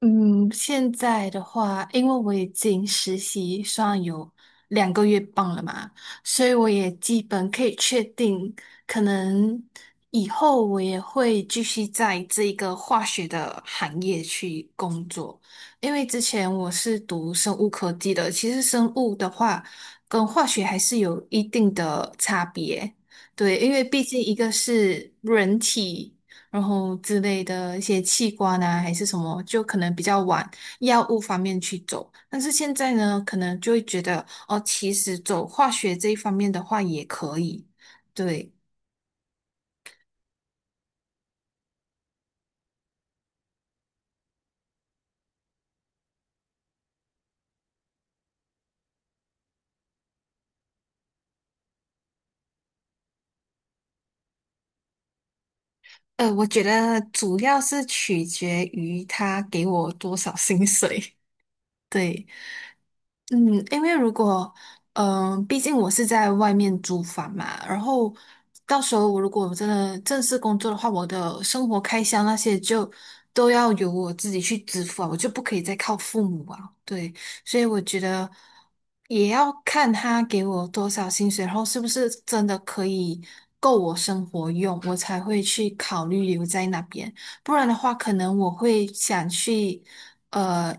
嗯，现在的话，因为我已经实习算有2个月半了嘛，所以我也基本可以确定，可能以后我也会继续在这个化学的行业去工作。因为之前我是读生物科技的，其实生物的话跟化学还是有一定的差别。对，因为毕竟一个是人体。然后之类的一些器官啊，还是什么，就可能比较往药物方面去走。但是现在呢，可能就会觉得哦，其实走化学这一方面的话也可以。对，我觉得主要是取决于他给我多少薪水。对，嗯，因为如果，毕竟我是在外面租房嘛，然后到时候我如果真的正式工作的话，我的生活开销那些就都要由我自己去支付啊，我就不可以再靠父母啊。对，所以我觉得也要看他给我多少薪水，然后是不是真的可以够我生活用，我才会去考虑留在那边。不然的话，可能我会想去，呃，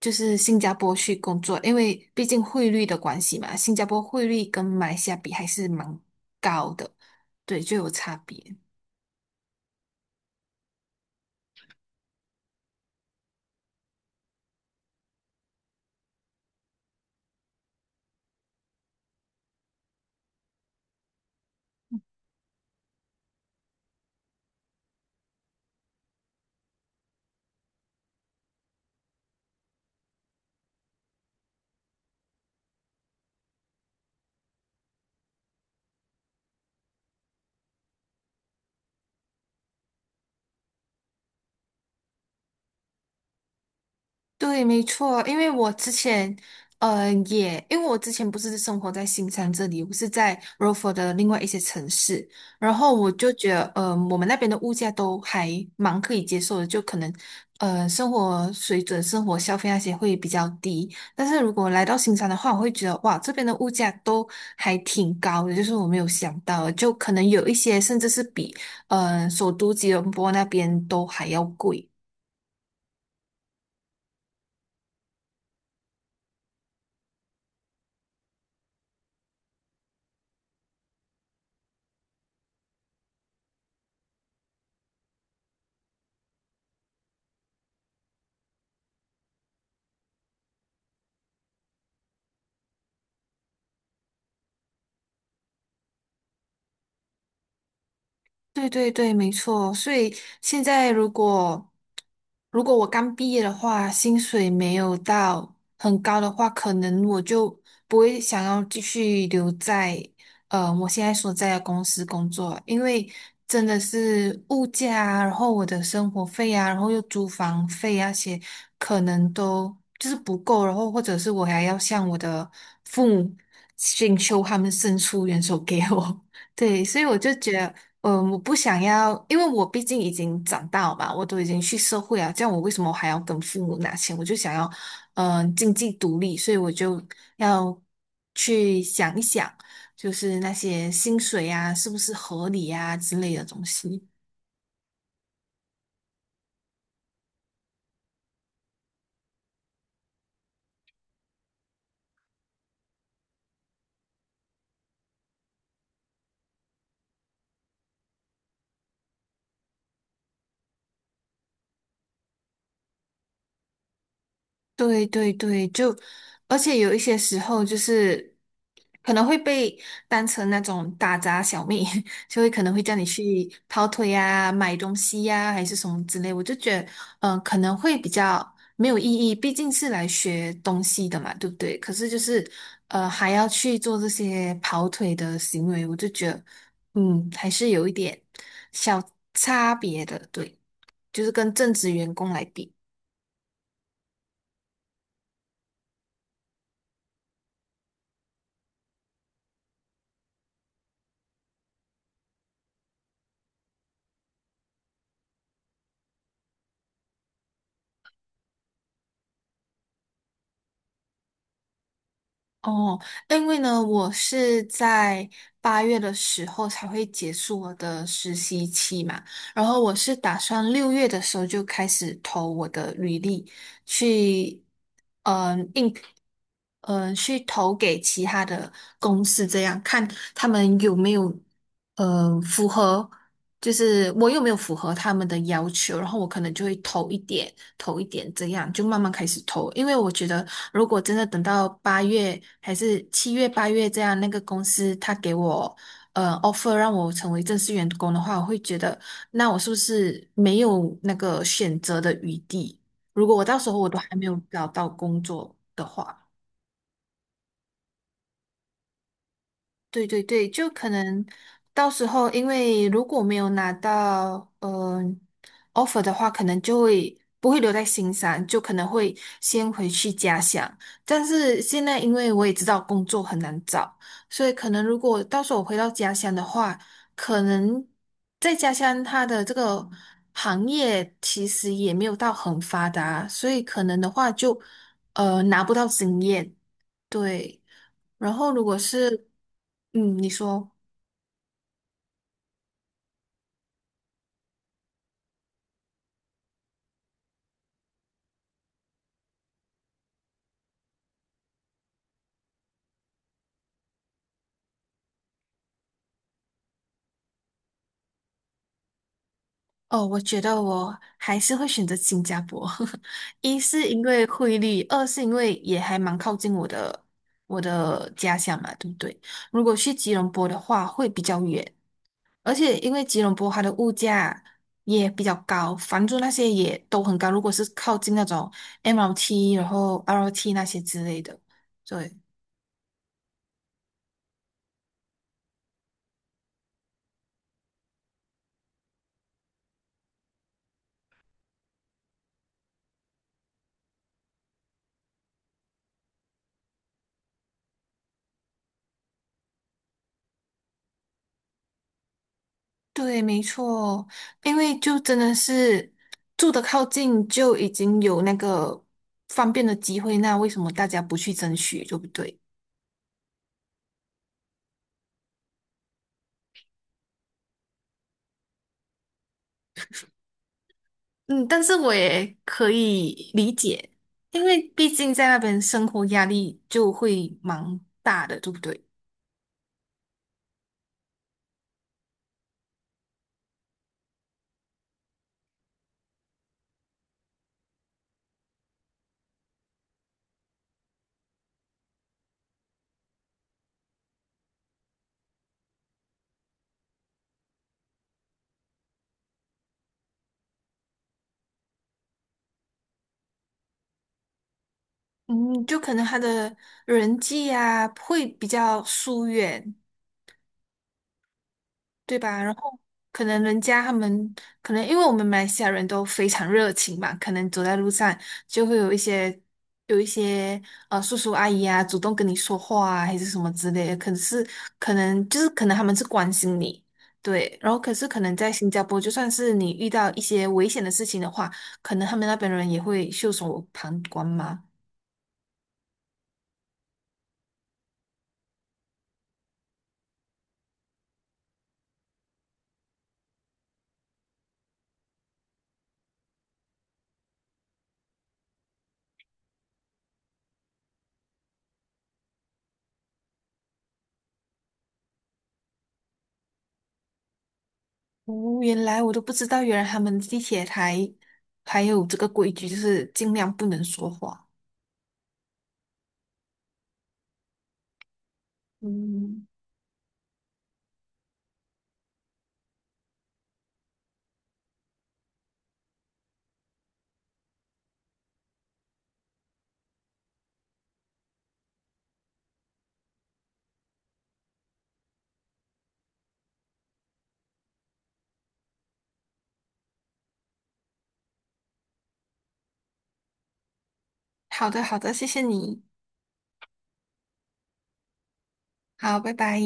就是新加坡去工作，因为毕竟汇率的关系嘛，新加坡汇率跟马来西亚比还是蛮高的，对，就有差别。对，没错，因为我之前，也因为我之前不是生活在新山这里，我是在 r o f o r 的另外一些城市，然后我就觉得，我们那边的物价都还蛮可以接受的，就可能，生活水准、生活消费那些会比较低。但是如果来到新山的话，我会觉得，哇，这边的物价都还挺高的，就是我没有想到的就可能有一些甚至是比，首都吉隆坡那边都还要贵。对对对，没错。所以现在如果我刚毕业的话，薪水没有到很高的话，可能我就不会想要继续留在我现在所在的公司工作，因为真的是物价啊，然后我的生活费啊，然后又租房费啊，些可能都就是不够，然后或者是我还要向我的父母请求他们伸出援手给我。对，所以我就觉得，我不想要，因为我毕竟已经长大了吧，我都已经去社会啊，这样我为什么还要跟父母拿钱？我就想要，经济独立，所以我就要去想一想，就是那些薪水啊，是不是合理啊之类的东西。对对对，就而且有一些时候就是可能会被当成那种打杂小妹，就会可能会叫你去跑腿呀、买东西呀、还是什么之类。我就觉得，可能会比较没有意义，毕竟是来学东西的嘛，对不对？可是就是还要去做这些跑腿的行为，我就觉得，还是有一点小差别的，对，就是跟正职员工来比。哦，因为呢，我是在八月的时候才会结束我的实习期嘛，然后我是打算6月的时候就开始投我的履历去，嗯，应，去投给其他的公司，这样看他们有没有，符合。就是我又没有符合他们的要求，然后我可能就会投一点,这样就慢慢开始投。因为我觉得，如果真的等到八月还是7月、八月这样，那个公司他给我offer 让我成为正式员工的话，我会觉得，那我是不是没有那个选择的余地？如果我到时候我都还没有找到工作的话。对对对，就可能到时候，因为如果没有拿到offer 的话，可能就会不会留在新上，就可能会先回去家乡。但是现在，因为我也知道工作很难找，所以可能如果到时候我回到家乡的话，可能在家乡它的这个行业其实也没有到很发达，所以可能的话就拿不到经验，对。然后如果是，你说，哦，我觉得我还是会选择新加坡，一是因为汇率，二是因为也还蛮靠近我的家乡嘛，对不对？如果去吉隆坡的话，会比较远，而且因为吉隆坡它的物价也比较高，房租那些也都很高，如果是靠近那种 MRT 然后 LRT 那些之类的，对。对，没错，因为就真的是住的靠近，就已经有那个方便的机会，那为什么大家不去争取，对不对？嗯，但是我也可以理解，因为毕竟在那边生活压力就会蛮大的，对不对？嗯，就可能他的人际啊会比较疏远，对吧？然后可能人家他们可能因为我们马来西亚人都非常热情嘛，可能走在路上就会有一些叔叔阿姨啊主动跟你说话啊，还是什么之类的。可是可能就是可能他们是关心你，对。然后可是可能在新加坡，就算是你遇到一些危险的事情的话，可能他们那边人也会袖手旁观嘛。哦，原来我都不知道，原来他们地铁台还有这个规矩，就是尽量不能说话。嗯。好的，好的，谢谢你，好，拜拜。